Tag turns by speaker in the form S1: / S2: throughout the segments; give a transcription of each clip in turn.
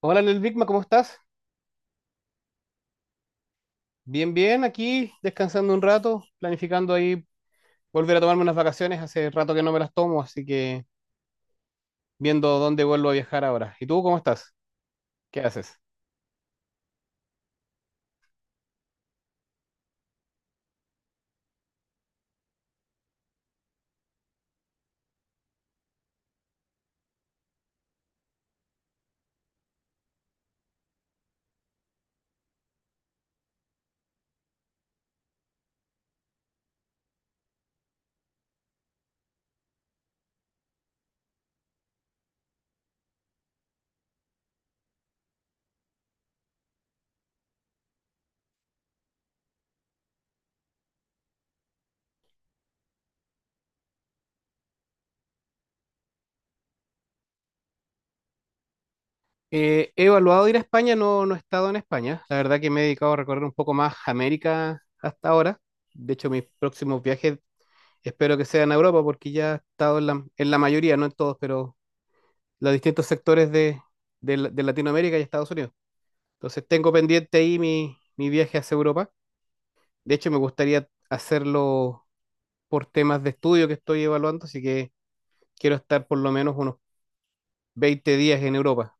S1: Hola, Lel Bigma, ¿cómo estás? Bien, bien, aquí descansando un rato, planificando ahí volver a tomarme unas vacaciones. Hace rato que no me las tomo, así que viendo dónde vuelvo a viajar ahora. ¿Y tú cómo estás? ¿Qué haces? He evaluado ir a España, no, no he estado en España. La verdad que me he dedicado a recorrer un poco más América hasta ahora. De hecho, mis próximos viajes espero que sean a Europa, porque ya he estado en la, mayoría, no en todos, pero los distintos sectores de Latinoamérica y Estados Unidos. Entonces tengo pendiente ahí mi viaje hacia Europa. De hecho, me gustaría hacerlo por temas de estudio que estoy evaluando, así que quiero estar por lo menos unos 20 días en Europa.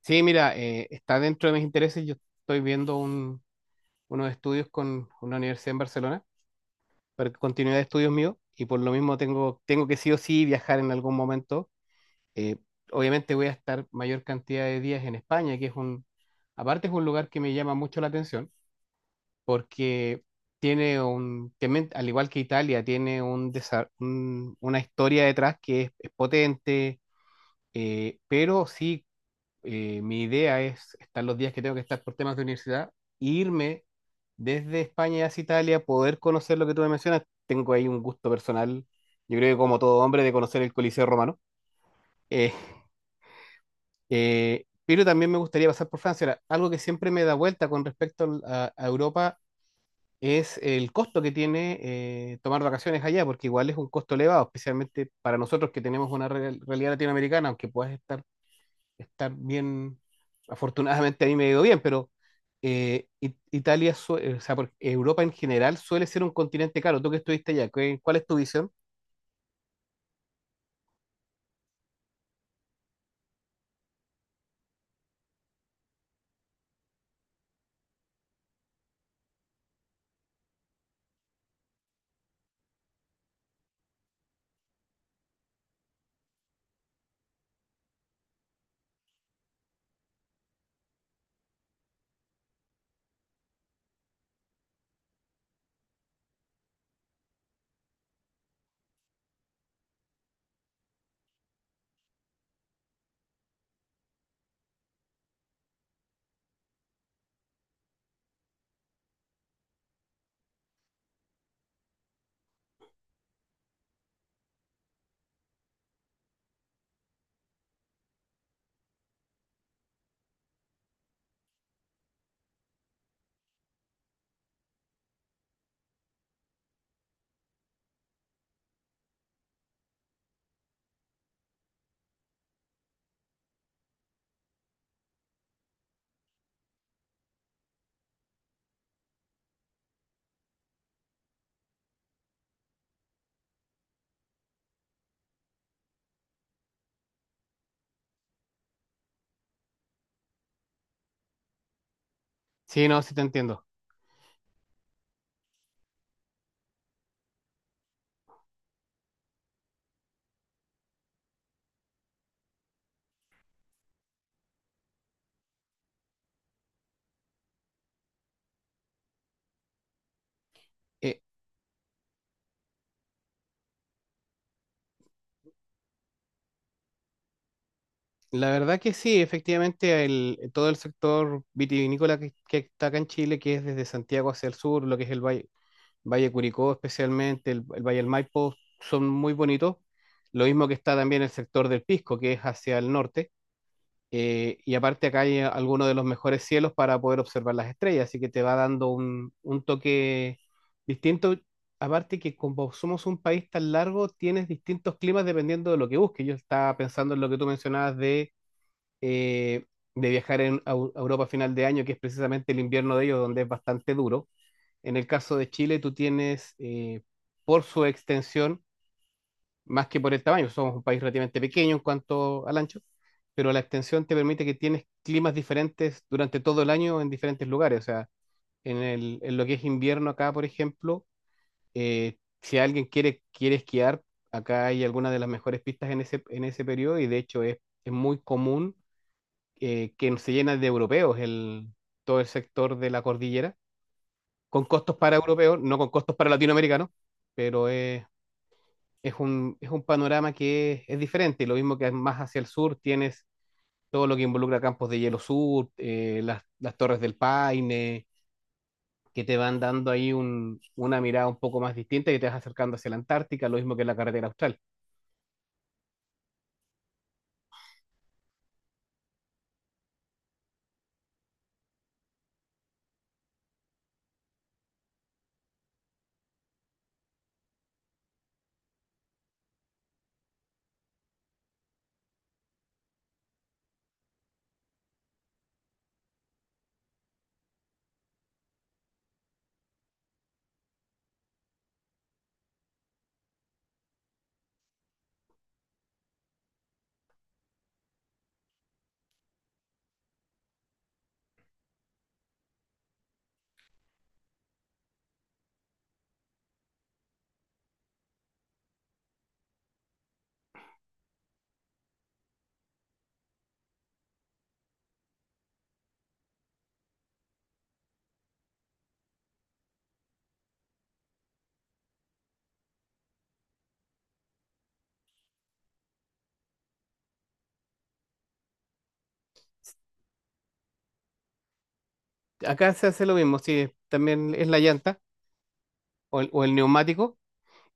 S1: Sí, mira, está dentro de mis intereses. Yo estoy viendo unos estudios con una universidad en Barcelona para continuidad de estudios míos y por lo mismo tengo que sí o sí viajar en algún momento. Eh, Obviamente voy a estar mayor cantidad de días en España, que aparte es un lugar que me llama mucho la atención, porque tiene también, al igual que Italia, tiene una historia detrás que es potente. Pero sí, mi idea es estar los días que tengo que estar por temas de universidad, irme desde España hacia Italia, poder conocer lo que tú me mencionas. Tengo ahí un gusto personal, yo creo que como todo hombre, de conocer el Coliseo Romano. Eh, pero también me gustaría pasar por Francia. Ahora, algo que siempre me da vuelta con respecto a Europa es el costo que tiene tomar vacaciones allá, porque igual es un costo elevado, especialmente para nosotros que tenemos una realidad latinoamericana, aunque puedas estar bien, afortunadamente a mí me ha ido bien, pero Italia, o sea, Europa en general suele ser un continente caro. Tú que estuviste allá, ¿cuál es tu visión? Sí, no, sí te entiendo. Eh, la verdad que sí, efectivamente, todo el sector vitivinícola que está acá en Chile, que es desde Santiago hacia el sur, lo que es el Valle, Valle Curicó especialmente, el Valle del Maipo, son muy bonitos. Lo mismo que está también el sector del Pisco, que es hacia el norte. Y aparte acá hay algunos de los mejores cielos para poder observar las estrellas, así que te va dando un toque distinto. Aparte que como somos un país tan largo, tienes distintos climas dependiendo de lo que busques. Yo estaba pensando en lo que tú mencionabas eh, de viajar a Europa a final de año, que es precisamente el invierno de ellos, donde es bastante duro en el caso de Chile. Tú tienes, por su extensión, más que por el tamaño, somos un país relativamente pequeño en cuanto al ancho, pero la extensión te permite que tienes climas diferentes durante todo el año en diferentes lugares. O sea, en lo que es invierno acá, por ejemplo, si alguien quiere esquiar, acá hay algunas de las mejores pistas en ese periodo, y de hecho es muy común que se llena de europeos todo el sector de la cordillera con costos para europeos, no con costos para latinoamericanos, pero es un panorama que es diferente. Lo mismo que más hacia el sur tienes todo lo que involucra campos de hielo sur, las torres del Paine, que te van dando ahí una mirada un poco más distinta y te vas acercando hacia la Antártica, lo mismo que la carretera austral. Acá se hace lo mismo, sí, también es la llanta o el neumático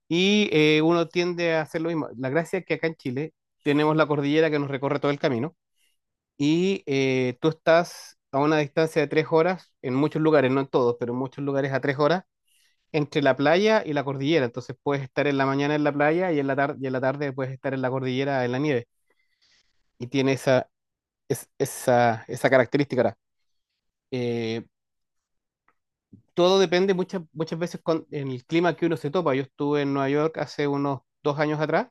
S1: y uno tiende a hacer lo mismo. La gracia es que acá en Chile tenemos la cordillera que nos recorre todo el camino y tú estás a una distancia de 3 horas, en muchos lugares, no en todos, pero en muchos lugares a 3 horas, entre la playa y la cordillera. Entonces puedes estar en la mañana en la playa y en la tarde puedes estar en la cordillera en la nieve. Y tiene esa, esa característica. Ahora, Eh, todo depende muchas, muchas veces con en el clima que uno se topa. Yo estuve en Nueva York hace unos 2 años atrás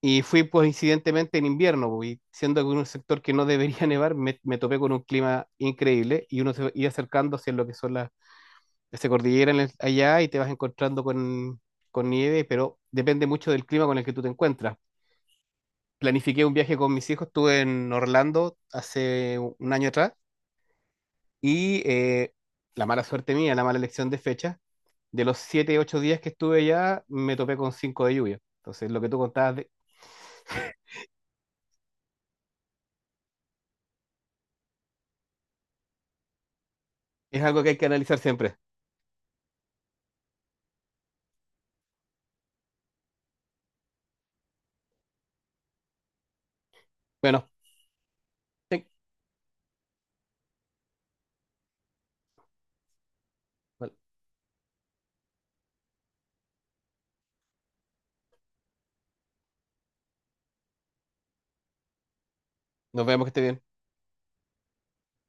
S1: y fui pues incidentemente en invierno, po, y siendo que en un sector que no debería nevar, me topé con un clima increíble, y uno se iba acercando hacia lo que son las se cordillera allá y te vas encontrando con nieve, pero depende mucho del clima con el que tú te encuentras. Planifiqué un viaje con mis hijos, estuve en Orlando hace un año atrás y la mala suerte mía, la mala elección de fecha, de los 7 u 8 días que estuve allá, me topé con 5 de lluvia. Entonces, lo que tú contabas es algo que hay que analizar siempre. Bueno, te- nos vemos, que esté bien.